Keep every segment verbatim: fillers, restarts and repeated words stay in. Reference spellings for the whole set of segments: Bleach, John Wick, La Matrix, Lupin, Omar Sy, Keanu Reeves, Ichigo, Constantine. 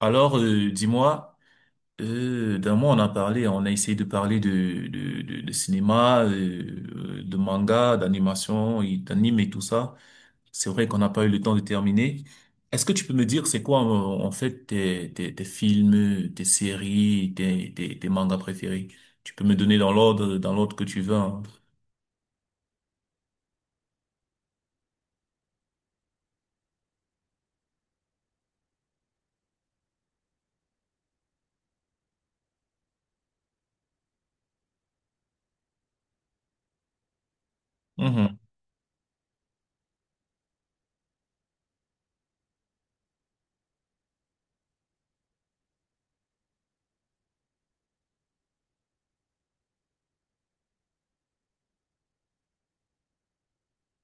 Alors, euh, dis-moi, euh, d'un mois on a parlé, on a essayé de parler de, de, de, de cinéma, euh, euh, de manga, d'animation, et d'anime et tout ça. C'est vrai qu'on n'a pas eu le temps de terminer. Est-ce que tu peux me dire c'est quoi euh, en fait tes, tes, tes films, tes séries, tes, tes, tes mangas préférés? Tu peux me donner dans l'ordre, dans l'ordre que tu veux, hein. Mhm.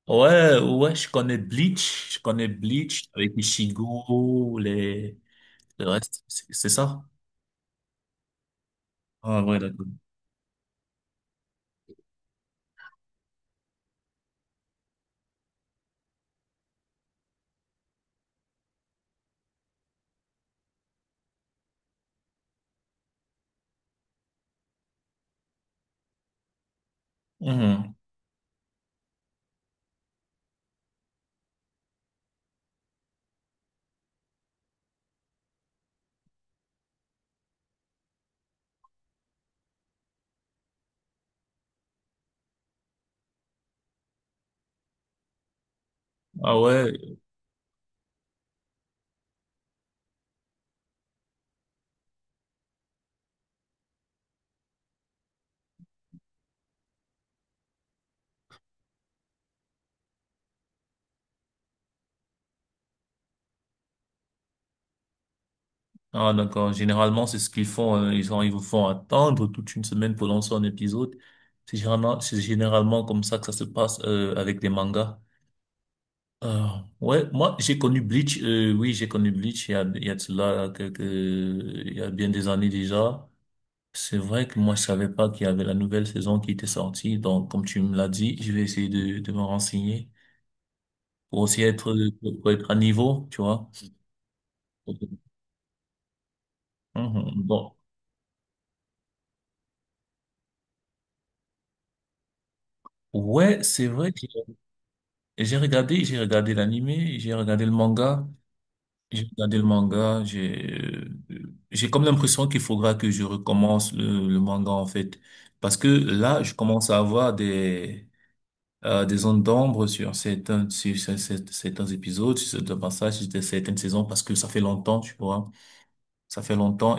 Ouais, ouais, je connais Bleach, je connais Bleach avec Ichigo, les, le reste, c'est c'est ça? Ah ouais, d'accord. Mhm. Ah ouais, ah d'accord. Généralement, c'est ce qu'ils font. euh, Ils ont, ils vous font attendre toute une semaine pour lancer un épisode. C'est généralement, c'est généralement comme ça que ça se passe euh, avec des mangas. Euh, ouais, moi j'ai connu Bleach. Euh, oui, j'ai connu Bleach. Il y a, il y a de cela quelques, il y a bien des années déjà. C'est vrai que moi je savais pas qu'il y avait la nouvelle saison qui était sortie. Donc comme tu me l'as dit, je vais essayer de, de me renseigner pour aussi être, pour être à niveau, tu vois. Mhm. Bon. Ouais, c'est vrai. Et j'ai regardé, j'ai regardé l'animé, j'ai regardé le manga, j'ai regardé le manga, j'ai, euh, j'ai comme l'impression qu'il faudra que je recommence le, le manga, en fait. Parce que là, je commence à avoir des, euh, des zones d'ombre sur certains, sur cer- cer- certains épisodes, sur certains passages, sur certaines saisons, parce que ça fait longtemps, tu vois. Ça fait longtemps.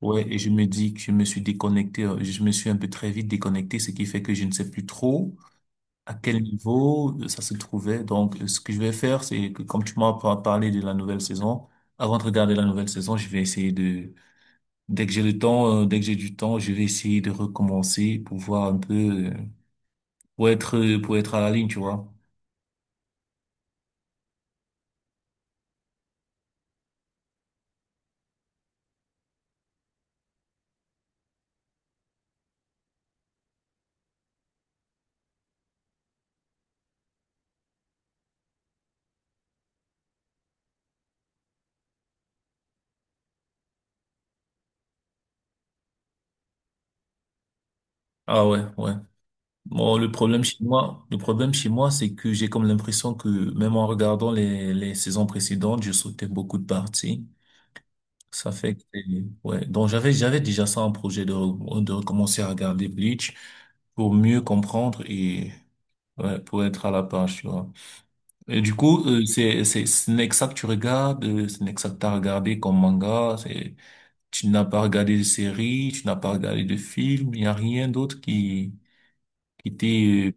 Ouais, et je me dis que je me suis déconnecté, euh, je me suis un peu très vite déconnecté, ce qui fait que je ne sais plus trop à quel niveau ça se trouvait. Donc, ce que je vais faire, c'est que comme tu m'as par- parlé de la nouvelle saison, avant de regarder la nouvelle saison, je vais essayer de, dès que j'ai le temps, euh, dès que j'ai du temps, je vais essayer de recommencer pour voir un peu, euh, pour être, pour être à la ligne, tu vois. Ah ouais, ouais. Bon, le problème chez moi, le problème chez moi, c'est que j'ai comme l'impression que même en regardant les, les saisons précédentes, je sautais beaucoup de parties. Ça fait que, ouais. Donc, j'avais, j'avais déjà ça en projet de, re- de recommencer à regarder Bleach pour mieux comprendre et, ouais, pour être à la page, tu vois. Et du coup, euh, c'est, c'est, ce n'est que ça que tu regardes, euh, ce n'est que ça que t'as regardé comme manga, c'est, tu n'as pas regardé de série, tu n'as pas regardé de film, il n'y a rien d'autre qui, qui était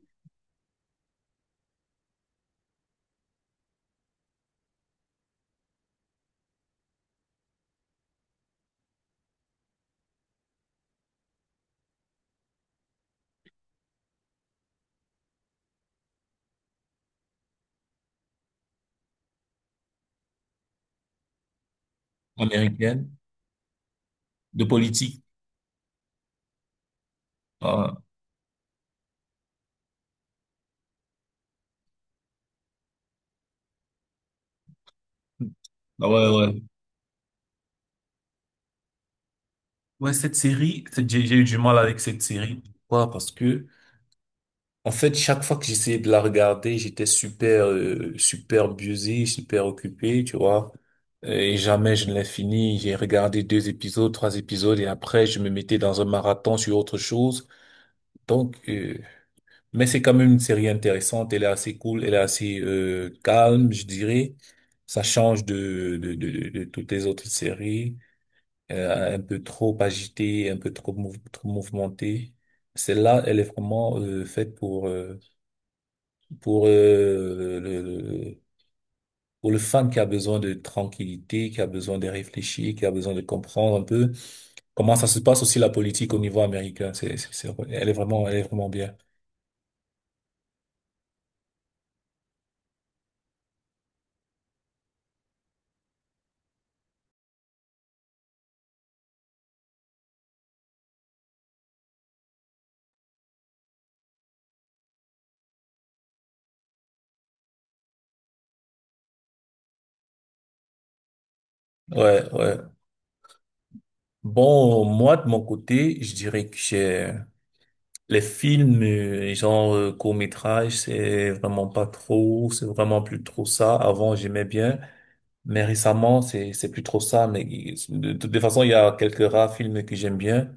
euh, américaine, de politique. Ah, ah ouais, ouais. Ouais, cette série, cette- j'ai j'ai eu du mal avec cette série. Pourquoi? Parce que, en fait, chaque fois que j'essayais de la regarder, j'étais super, euh, super busy, super occupé, tu vois. Et jamais je ne l'ai fini. J'ai regardé deux épisodes, trois épisodes, et après, je me mettais dans un marathon sur autre chose. Donc, euh, mais c'est quand même une série intéressante. Elle est assez cool, elle est assez euh, calme, je dirais. Ça change de, de, de, de- de toutes les autres séries, euh, un peu trop agitée, un peu trop, mouv- trop mouvementée. Celle-là, elle est vraiment euh, faite pour... euh, pour euh, le, le- pour le fan qui a besoin de tranquillité, qui a besoin de réfléchir, qui a besoin de comprendre un peu comment ça se passe aussi la politique au niveau américain. C'est, c'est, c'est- elle est vraiment, elle est vraiment bien. Ouais, ouais. Bon, moi, de mon côté, je dirais que j'ai les films, euh, genre euh, court-métrage, c'est vraiment pas trop, c'est vraiment plus trop ça. Avant, j'aimais bien, mais récemment, c'est c'est plus trop ça. Mais de de toute façon, il y a quelques rares films que j'aime bien.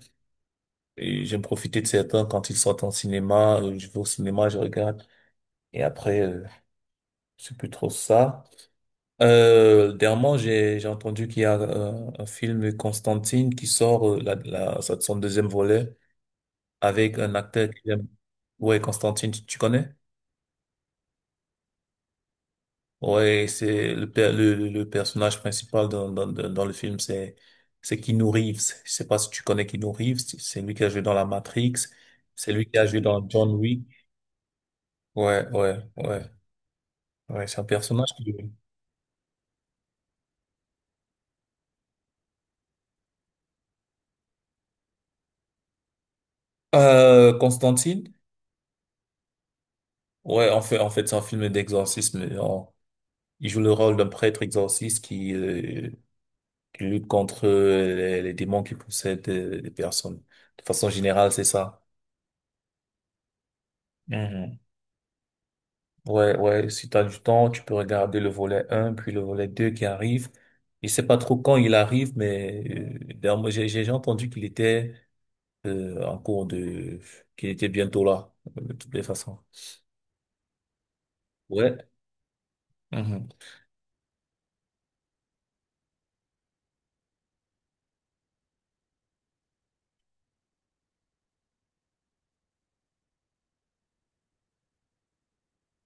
Et j'aime profiter de certains quand ils sortent en cinéma. Euh, je vais au cinéma, je regarde. Et après, euh, c'est plus trop ça. Euh, dernièrement, j'ai j'ai entendu qu'il y a euh, un film Constantine qui sort euh, la, la, ça- son deuxième volet avec un acteur que j'aime. Ouais, Constantine, tu, tu connais? Ouais, c'est le, per- le le personnage principal dans dans dans dans le film, c'est c'est Keanu Reeves. Je sais pas si tu connais Keanu Reeves. C'est lui qui a joué dans La Matrix. C'est lui qui a joué dans John Wick. Ouais, ouais, ouais. Ouais, c'est un personnage qui... Euh, Constantine? Ouais, en fait, en fait, c'est un film d'exorcisme. En- il joue le rôle d'un prêtre exorciste qui, euh, qui lutte contre euh, les, les démons qui possèdent euh, les personnes. De façon générale, c'est ça. Mhm. Ouais, ouais, si t'as du temps, tu peux regarder le volet un puis le volet deux qui arrive. Je sais pas trop quand il arrive, mais euh, d'ailleurs, moi, j'ai j'ai entendu qu'il était euh, en cours de... qu'il était bientôt là, euh, de toutes les façons. Ouais. Mhm.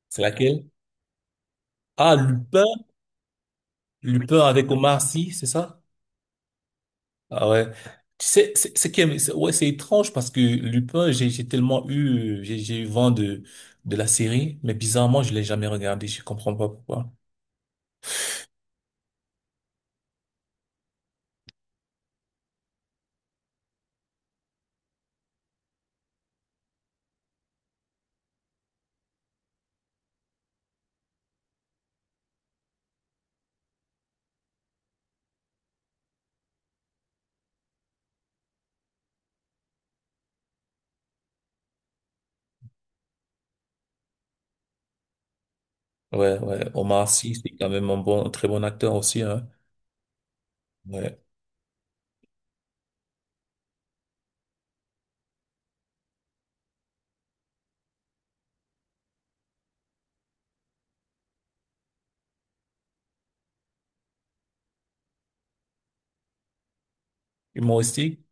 C'est laquelle? Ah, Lupin, Lupin avec Omar Sy, c'est ça? Ah ouais. Tu sais, c'est c'est quand même- c'est- ouais, c'est étrange parce que Lupin, j'ai j'ai tellement eu, euh, j'ai j'ai eu vent de de la série, mais bizarrement, je l'ai jamais regardé, je comprends pas pourquoi. Ouais, ouais, Omar Sy, c'est quand même un bon, un très bon acteur aussi, hein. Ouais. Humoristique?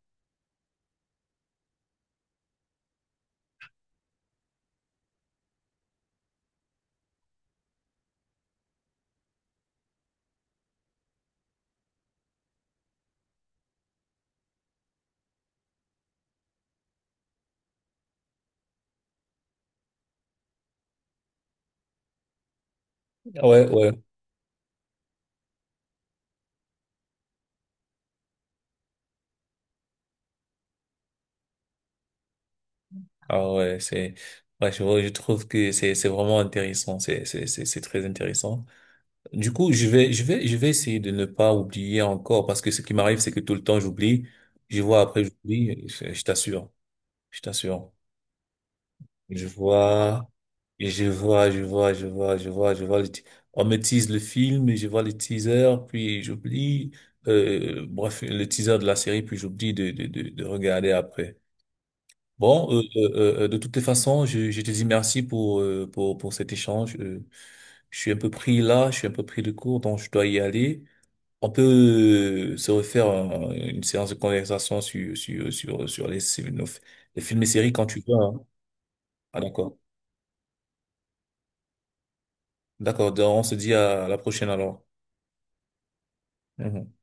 Ah, ouais, ouais. Ah ouais, c'est, ouais, je, je trouve que c'est c'est vraiment intéressant, c'est c'est c'est c'est très intéressant. Du coup, je vais, je vais, je vais essayer de ne pas oublier encore parce que ce qui m'arrive, c'est que tout le temps j'oublie. Je vois après j'oublie. Je, je t'assure, je t'assure. Je vois, et je vois, je vois, je vois, je vois, je vois. le ti- On me tease le film, et je vois le teaser, puis j'oublie. Euh, bref, le teaser de la série, puis j'oublie de, de, de, de regarder après. Bon, euh, euh, euh, euh, de toutes les façons, je, je te dis merci pour, euh, pour, pour cet échange. Euh, je suis un peu pris là, je suis un peu pris de court, donc je dois y aller. On peut se refaire euh, une séance de conversation sur, sur, sur, sur les, sur nos- les films et séries quand tu veux, hein. Ah, d'accord. D'accord. Donc, on se dit à la prochaine alors. Mhm.